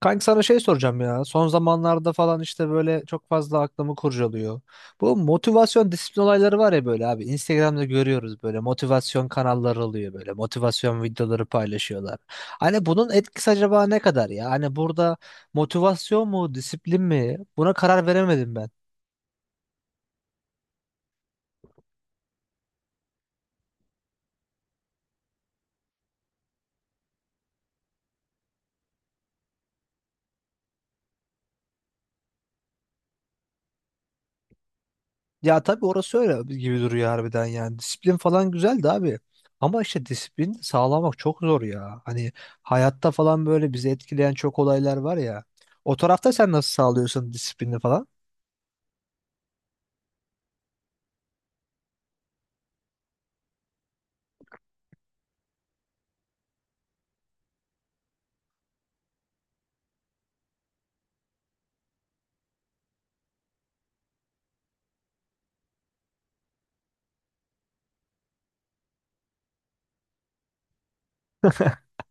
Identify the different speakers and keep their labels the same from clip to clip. Speaker 1: Kanka sana şey soracağım ya. Son zamanlarda falan işte böyle çok fazla aklımı kurcalıyor. Bu motivasyon disiplin olayları var ya böyle abi. Instagram'da görüyoruz böyle motivasyon kanalları oluyor böyle. Motivasyon videoları paylaşıyorlar. Hani bunun etkisi acaba ne kadar ya? Hani burada motivasyon mu disiplin mi? Buna karar veremedim ben. Ya tabii orası öyle gibi duruyor harbiden yani. Disiplin falan güzeldi abi. Ama işte disiplin sağlamak çok zor ya. Hani hayatta falan böyle bizi etkileyen çok olaylar var ya. O tarafta sen nasıl sağlıyorsun disiplini falan?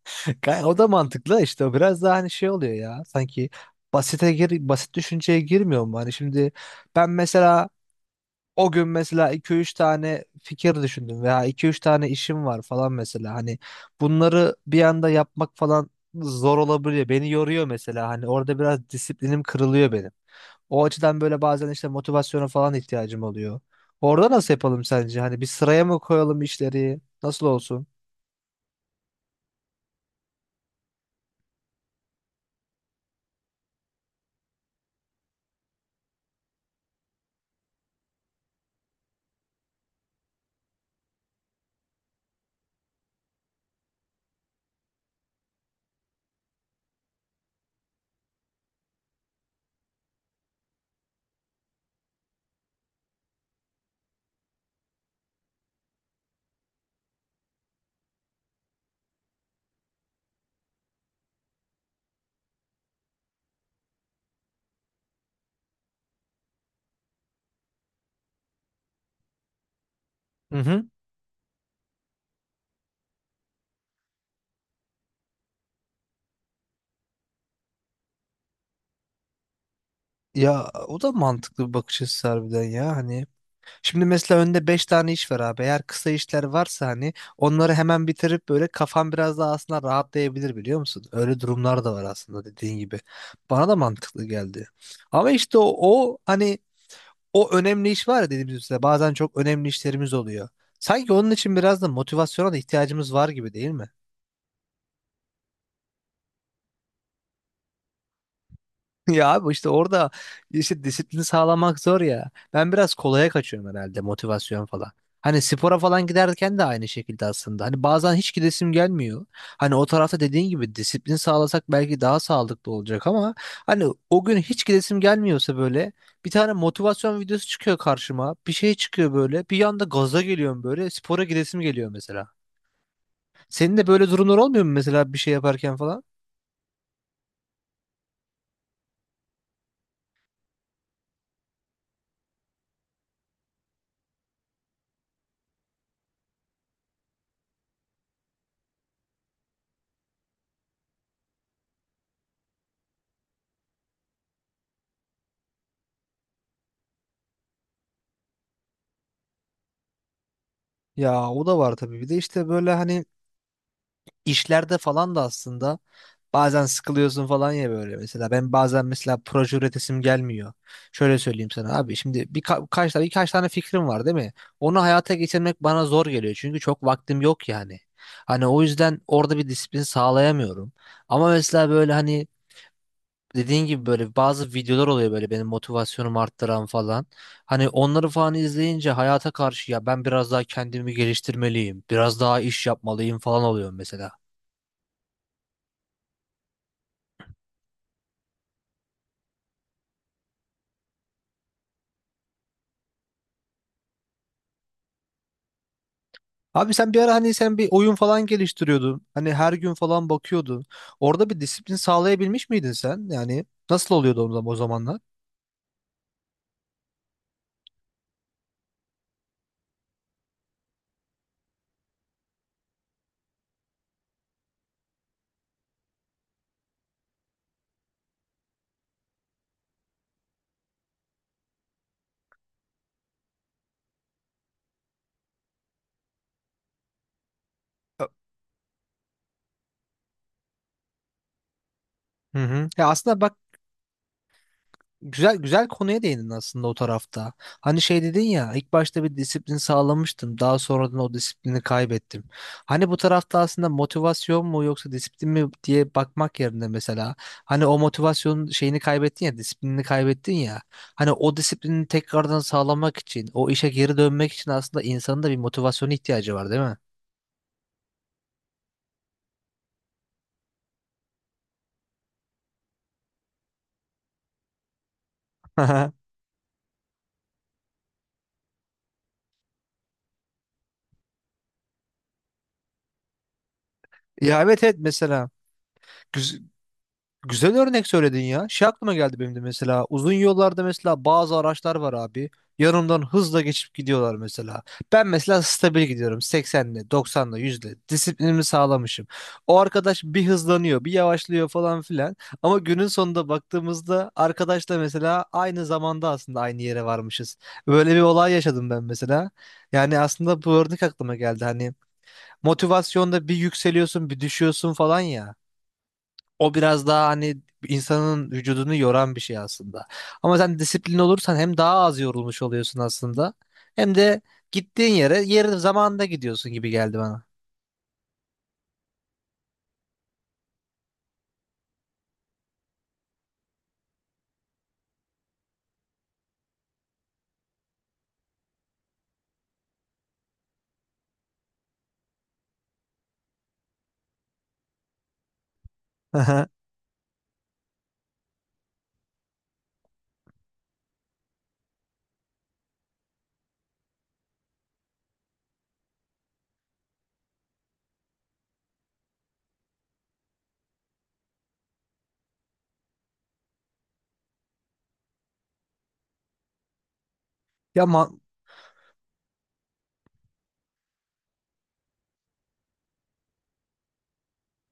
Speaker 1: O da mantıklı işte. O biraz daha hani şey oluyor ya. Sanki basite gir, basit düşünceye girmiyor mu? Hani şimdi ben mesela o gün mesela iki üç tane fikir düşündüm veya iki üç tane işim var falan mesela. Hani bunları bir anda yapmak falan zor olabiliyor. Beni yoruyor mesela. Hani orada biraz disiplinim kırılıyor benim. O açıdan böyle bazen işte motivasyona falan ihtiyacım oluyor. Orada nasıl yapalım sence? Hani bir sıraya mı koyalım işleri? Nasıl olsun? Hı hı. Ya o da mantıklı bir bakış açısı harbiden ya. Hani şimdi mesela önde 5 tane iş var abi. Eğer kısa işler varsa hani onları hemen bitirip böyle kafan biraz daha aslında rahatlayabilir biliyor musun? Öyle durumlar da var aslında dediğin gibi. Bana da mantıklı geldi. Ama işte o hani o önemli iş var ya dediğimiz üzere bazen çok önemli işlerimiz oluyor. Sanki onun için biraz da motivasyona da ihtiyacımız var gibi değil mi? Ya abi işte orada işte disiplini sağlamak zor ya. Ben biraz kolaya kaçıyorum herhalde motivasyon falan. Hani spora falan giderken de aynı şekilde aslında. Hani bazen hiç gidesim gelmiyor. Hani o tarafta dediğin gibi disiplin sağlasak belki daha sağlıklı olacak ama hani o gün hiç gidesim gelmiyorsa böyle bir tane motivasyon videosu çıkıyor karşıma. Bir şey çıkıyor böyle. Bir anda gaza geliyorum böyle. Spora gidesim geliyor mesela. Senin de böyle durumlar olmuyor mu mesela bir şey yaparken falan? Ya o da var tabii. Bir de işte böyle hani işlerde falan da aslında bazen sıkılıyorsun falan ya böyle mesela. Ben bazen mesela proje üretesim gelmiyor. Şöyle söyleyeyim sana abi şimdi birka- kaç tane birkaç tane fikrim var değil mi? Onu hayata geçirmek bana zor geliyor çünkü çok vaktim yok yani. Hani o yüzden orada bir disiplin sağlayamıyorum. Ama mesela böyle hani dediğin gibi böyle bazı videolar oluyor böyle benim motivasyonumu arttıran falan. Hani onları falan izleyince hayata karşı ya ben biraz daha kendimi geliştirmeliyim, biraz daha iş yapmalıyım falan oluyorum mesela. Abi sen bir ara hani sen bir oyun falan geliştiriyordun. Hani her gün falan bakıyordun. Orada bir disiplin sağlayabilmiş miydin sen? Yani nasıl oluyordu o zamanlar? Hı hı. Ya aslında bak güzel güzel konuya değindin aslında o tarafta. Hani şey dedin ya ilk başta bir disiplin sağlamıştım. Daha sonradan o disiplini kaybettim. Hani bu tarafta aslında motivasyon mu yoksa disiplin mi diye bakmak yerine mesela hani o motivasyonun şeyini kaybettin ya disiplinini kaybettin ya. Hani o disiplini tekrardan sağlamak için o işe geri dönmek için aslında insanın da bir motivasyona ihtiyacı var değil mi? Ya evet evet mesela güz- güzel örnek söyledin ya. Şey aklıma geldi benim de mesela. Uzun yollarda mesela bazı araçlar var abi. Yanımdan hızla geçip gidiyorlar mesela. Ben mesela stabil gidiyorum. 80'le, 90'la, 100'le. Disiplinimi sağlamışım. O arkadaş bir hızlanıyor, bir yavaşlıyor falan filan. Ama günün sonunda baktığımızda arkadaşla mesela aynı zamanda aslında aynı yere varmışız. Böyle bir olay yaşadım ben mesela. Yani aslında bu örnek aklıma geldi. Hani motivasyonda bir yükseliyorsun, bir düşüyorsun falan ya. O biraz daha hani insanın vücudunu yoran bir şey aslında. Ama sen disiplin olursan hem daha az yorulmuş oluyorsun aslında hem de gittiğin yere yeri zamanında gidiyorsun gibi geldi bana. Ya ma-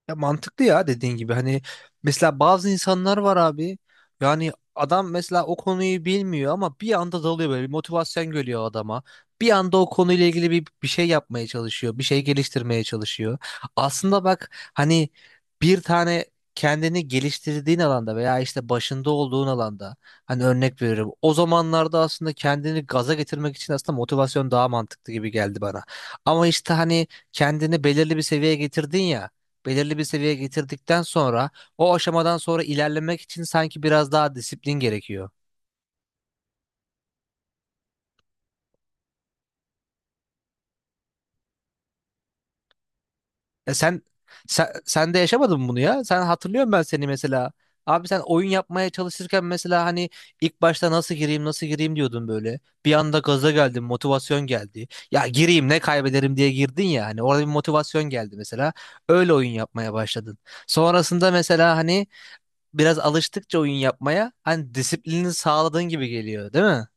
Speaker 1: Ya mantıklı ya dediğin gibi hani mesela bazı insanlar var abi yani adam mesela o konuyu bilmiyor ama bir anda dalıyor böyle bir motivasyon geliyor adama. Bir anda o konuyla ilgili bir şey yapmaya çalışıyor, bir şey geliştirmeye çalışıyor. Aslında bak hani bir tane kendini geliştirdiğin alanda veya işte başında olduğun alanda hani örnek veriyorum. O zamanlarda aslında kendini gaza getirmek için aslında motivasyon daha mantıklı gibi geldi bana. Ama işte hani kendini belirli bir seviyeye getirdin ya belirli bir seviyeye getirdikten sonra o aşamadan sonra ilerlemek için sanki biraz daha disiplin gerekiyor. E sen, sen de yaşamadın mı bunu ya? Sen hatırlıyorum ben seni mesela. Abi sen oyun yapmaya çalışırken mesela hani ilk başta nasıl gireyim nasıl gireyim diyordun böyle. Bir anda gaza geldin, motivasyon geldi. Ya gireyim ne kaybederim diye girdin ya hani orada bir motivasyon geldi mesela. Öyle oyun yapmaya başladın. Sonrasında mesela hani biraz alıştıkça oyun yapmaya hani disiplini sağladığın gibi geliyor, değil mi?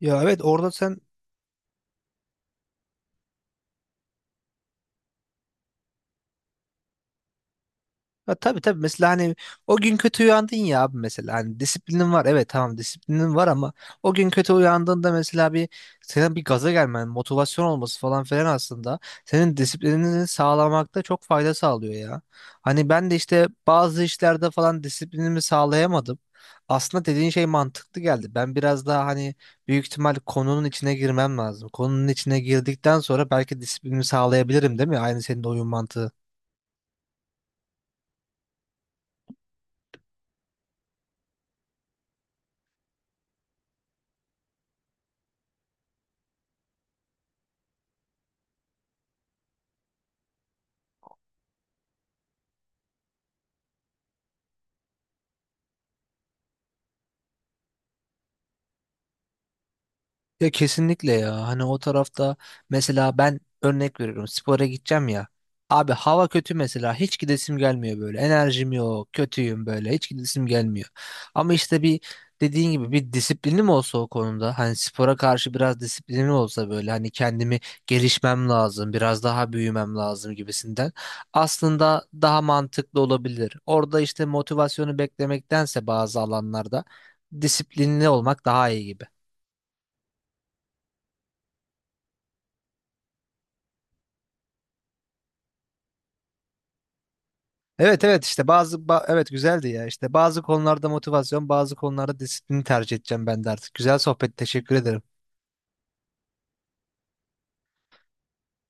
Speaker 1: Ya evet orada sen ha, tabii tabii mesela hani o gün kötü uyandın ya abi mesela hani disiplinin var evet tamam disiplinin var ama o gün kötü uyandığında mesela bir senin bir gaza gelmen motivasyon olması falan filan aslında senin disiplinini sağlamakta çok fayda sağlıyor ya. Hani ben de işte bazı işlerde falan disiplinimi sağlayamadım. Aslında dediğin şey mantıklı geldi. Ben biraz daha hani büyük ihtimal konunun içine girmem lazım. Konunun içine girdikten sonra belki disiplinimi sağlayabilirim değil mi? Aynı senin oyun mantığı. Ya kesinlikle ya. Hani o tarafta mesela ben örnek veriyorum. Spora gideceğim ya. Abi hava kötü mesela. Hiç gidesim gelmiyor böyle. Enerjim yok. Kötüyüm böyle. Hiç gidesim gelmiyor. Ama işte bir dediğin gibi bir disiplinim olsa o konuda. Hani spora karşı biraz disiplinim olsa böyle. Hani kendimi gelişmem lazım. Biraz daha büyümem lazım gibisinden. Aslında daha mantıklı olabilir. Orada işte motivasyonu beklemektense bazı alanlarda disiplinli olmak daha iyi gibi. Evet evet işte evet güzeldi ya işte bazı konularda motivasyon bazı konularda disiplini tercih edeceğim ben de artık. Güzel sohbet teşekkür ederim.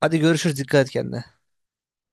Speaker 1: Hadi görüşürüz dikkat et kendine.